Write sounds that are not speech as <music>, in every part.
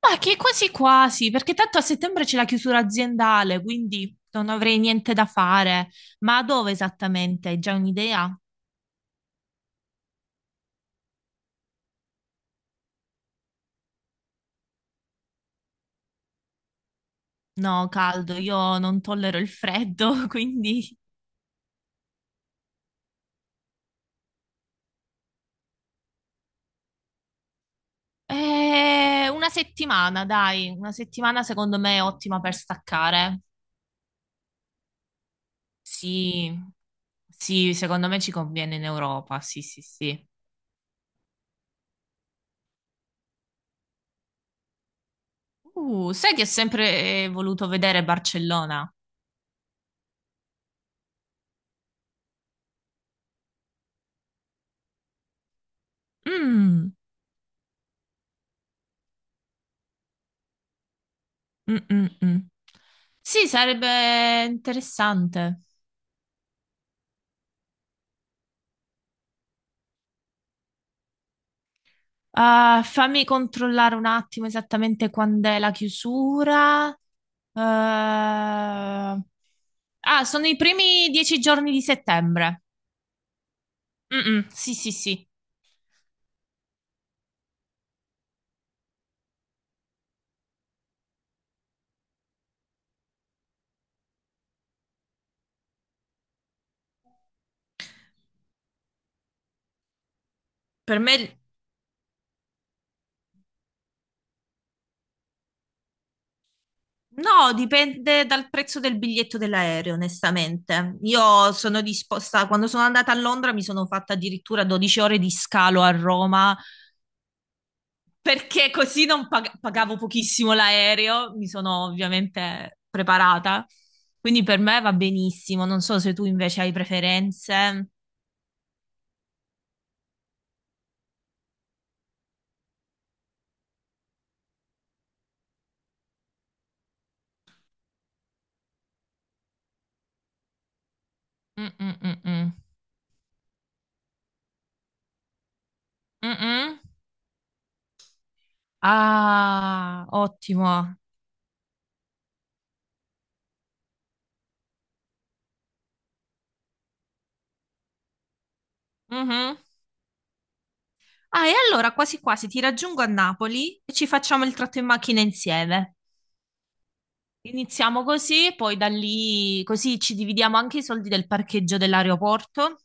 Ma che quasi quasi, perché tanto a settembre c'è la chiusura aziendale, quindi non avrei niente da fare. Ma dove esattamente? Hai già un'idea? No, caldo, io non tollero il freddo, <laughs> quindi... una settimana, dai, una settimana secondo me è ottima per staccare. Sì, sì, secondo me ci conviene in Europa, sì, sì, sì. Sai che ho sempre voluto vedere Barcellona? Mm. Mm, mm, mm. Sì, sarebbe interessante. Ah, fammi controllare un attimo esattamente quando è la chiusura. Eh, Ah, sono i primi 10 giorni di settembre. Mm, mm, sì, sì, sì. Per me... No, dipende dal prezzo del biglietto dell'aereo, onestamente. Io sono disposta, quando sono andata a Londra mi sono fatta addirittura 12 ore di scalo a Roma perché così non pagavo pochissimo l'aereo, mi sono ovviamente preparata, quindi per me va benissimo. Non so se tu invece hai preferenze. Mm-mm-mm-mm. Mm-mm. Ah, ottimo. Mhm. Ah, e allora quasi quasi ti raggiungo a Napoli e ci facciamo il tratto in macchina insieme. Iniziamo così, poi da lì, così ci dividiamo anche i soldi del parcheggio dell'aeroporto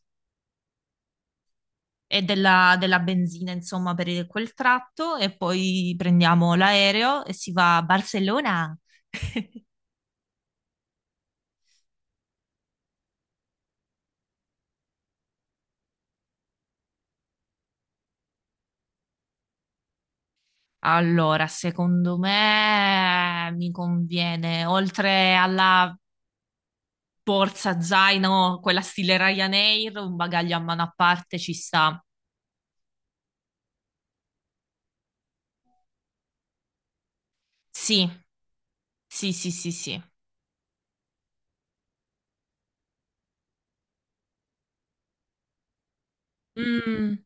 e della benzina, insomma, per quel tratto e poi prendiamo l'aereo e si va a Barcellona. Allora, secondo me mi conviene, oltre alla borsa zaino, quella stile Ryanair, un bagaglio a mano a parte ci sta. Sì, sì, sì, sì, sì. Mm,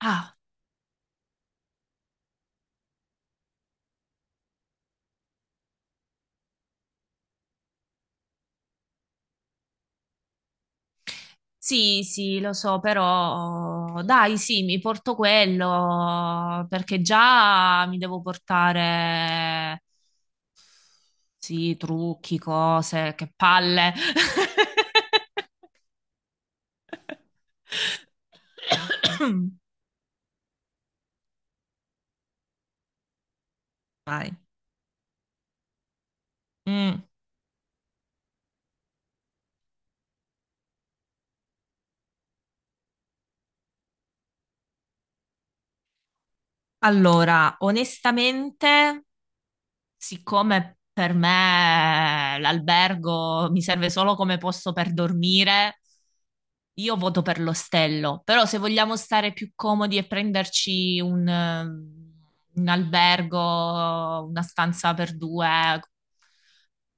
ah, sì, sì, lo so, però dai, sì, mi porto quello perché già mi devo portare. Sì, trucchi, cose, che palle. <coughs> Vai. Mm. Allora, onestamente, siccome per me l'albergo mi serve solo come posto per dormire, io voto per l'ostello. Però se vogliamo stare più comodi e prenderci un albergo, una stanza per due,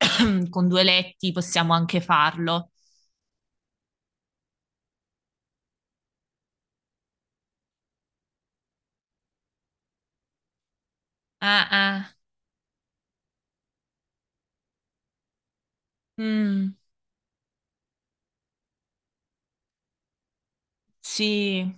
<coughs> con due letti, possiamo anche farlo. Ah, ah, mm, sì.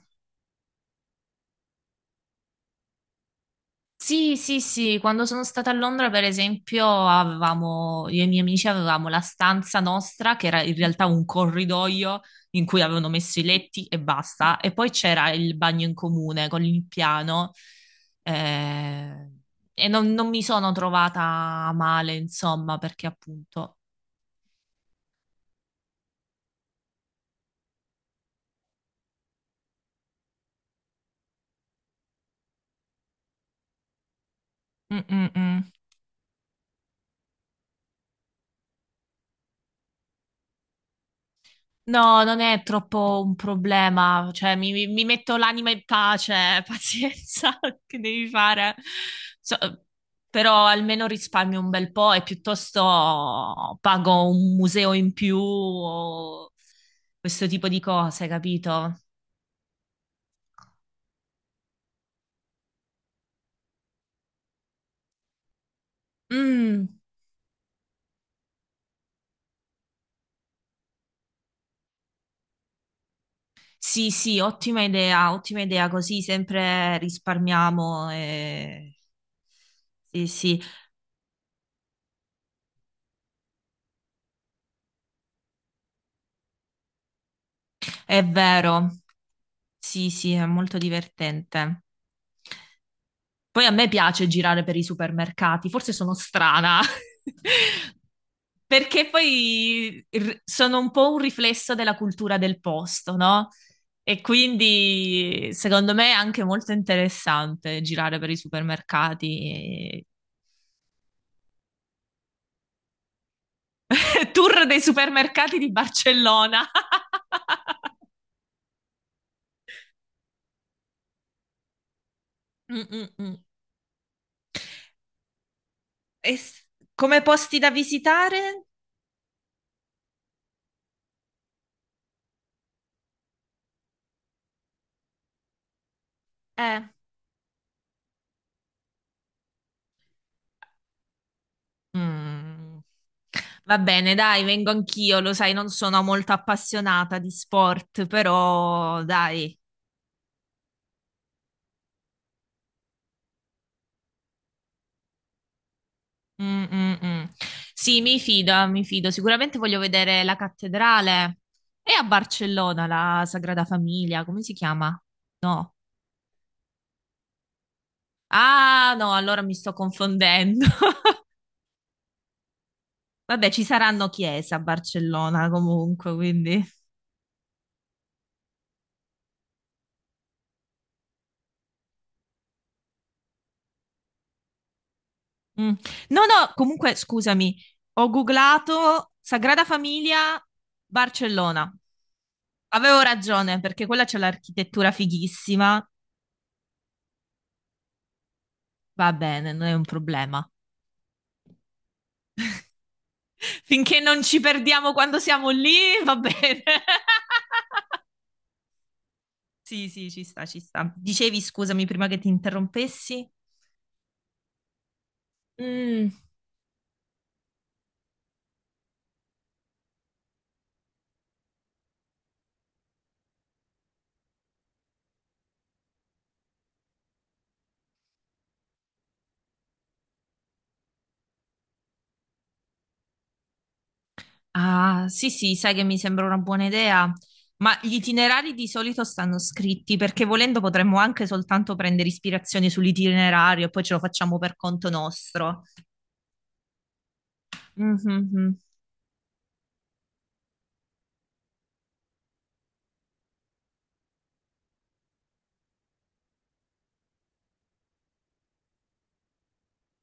Sì, sì, sì, quando sono stata a Londra, per esempio, avevamo, io e i miei amici avevamo la stanza nostra, che era in realtà un corridoio in cui avevano messo i letti e basta, e poi c'era il bagno in comune con il piano, eh, e non mi sono trovata male, insomma, perché appunto... Mm, mm, mm. No, non è troppo un problema, cioè mi metto l'anima in pace, <laughs> pazienza, che devi fare? So- però almeno risparmio un bel po' e piuttosto pago un museo in più o questo tipo di cose, capito? Mm, sì, sì, ottima idea, così sempre risparmiamo. Sì, sì, è vero, sì, sì, è molto divertente. Poi a me piace girare per i supermercati, forse sono strana, <laughs> perché poi sono un po' un riflesso della cultura del posto, no? E quindi secondo me è anche molto interessante girare per i supermercati. e- <laughs> Tour dei supermercati di Barcellona. <laughs> Mm, mm, mm. E s- Come posti da visitare? Eh. Mm. Va bene, dai, vengo anch'io, lo sai, non sono molto appassionata di sport, però dai. Mm, mm, mm. Sì, mi fido, mi fido. Sicuramente voglio vedere la cattedrale. È a Barcellona la Sagrada Famiglia, come si chiama? No. Ah, no, allora mi sto confondendo. <laughs> Vabbè, ci saranno chiese a Barcellona comunque, quindi. Mm. No, no, comunque scusami, ho googlato Sagrada Famiglia Barcellona. Avevo ragione perché quella c'è l'architettura fighissima. Va bene, non è un problema. Finché non ci perdiamo quando siamo lì, va bene. <laughs> Sì, sì, ci sta, ci sta. Dicevi, scusami, prima che ti interrompessi? Mm. Ah, sì, sì, sai che mi sembra una buona idea, ma gli itinerari di solito stanno scritti perché volendo potremmo anche soltanto prendere ispirazione sull'itinerario e poi ce lo facciamo per conto nostro. Mhm,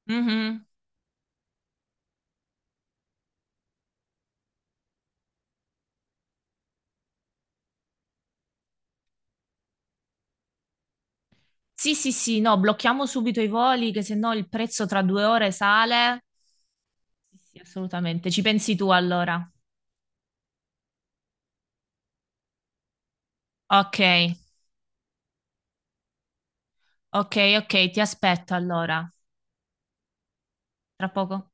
mhm. Sì, sì, sì, no, blocchiamo subito i voli che se no il prezzo tra 2 ore sale. Sì, sì, assolutamente. Ci pensi tu allora? Ok, ok, ok, ti aspetto allora. Tra poco.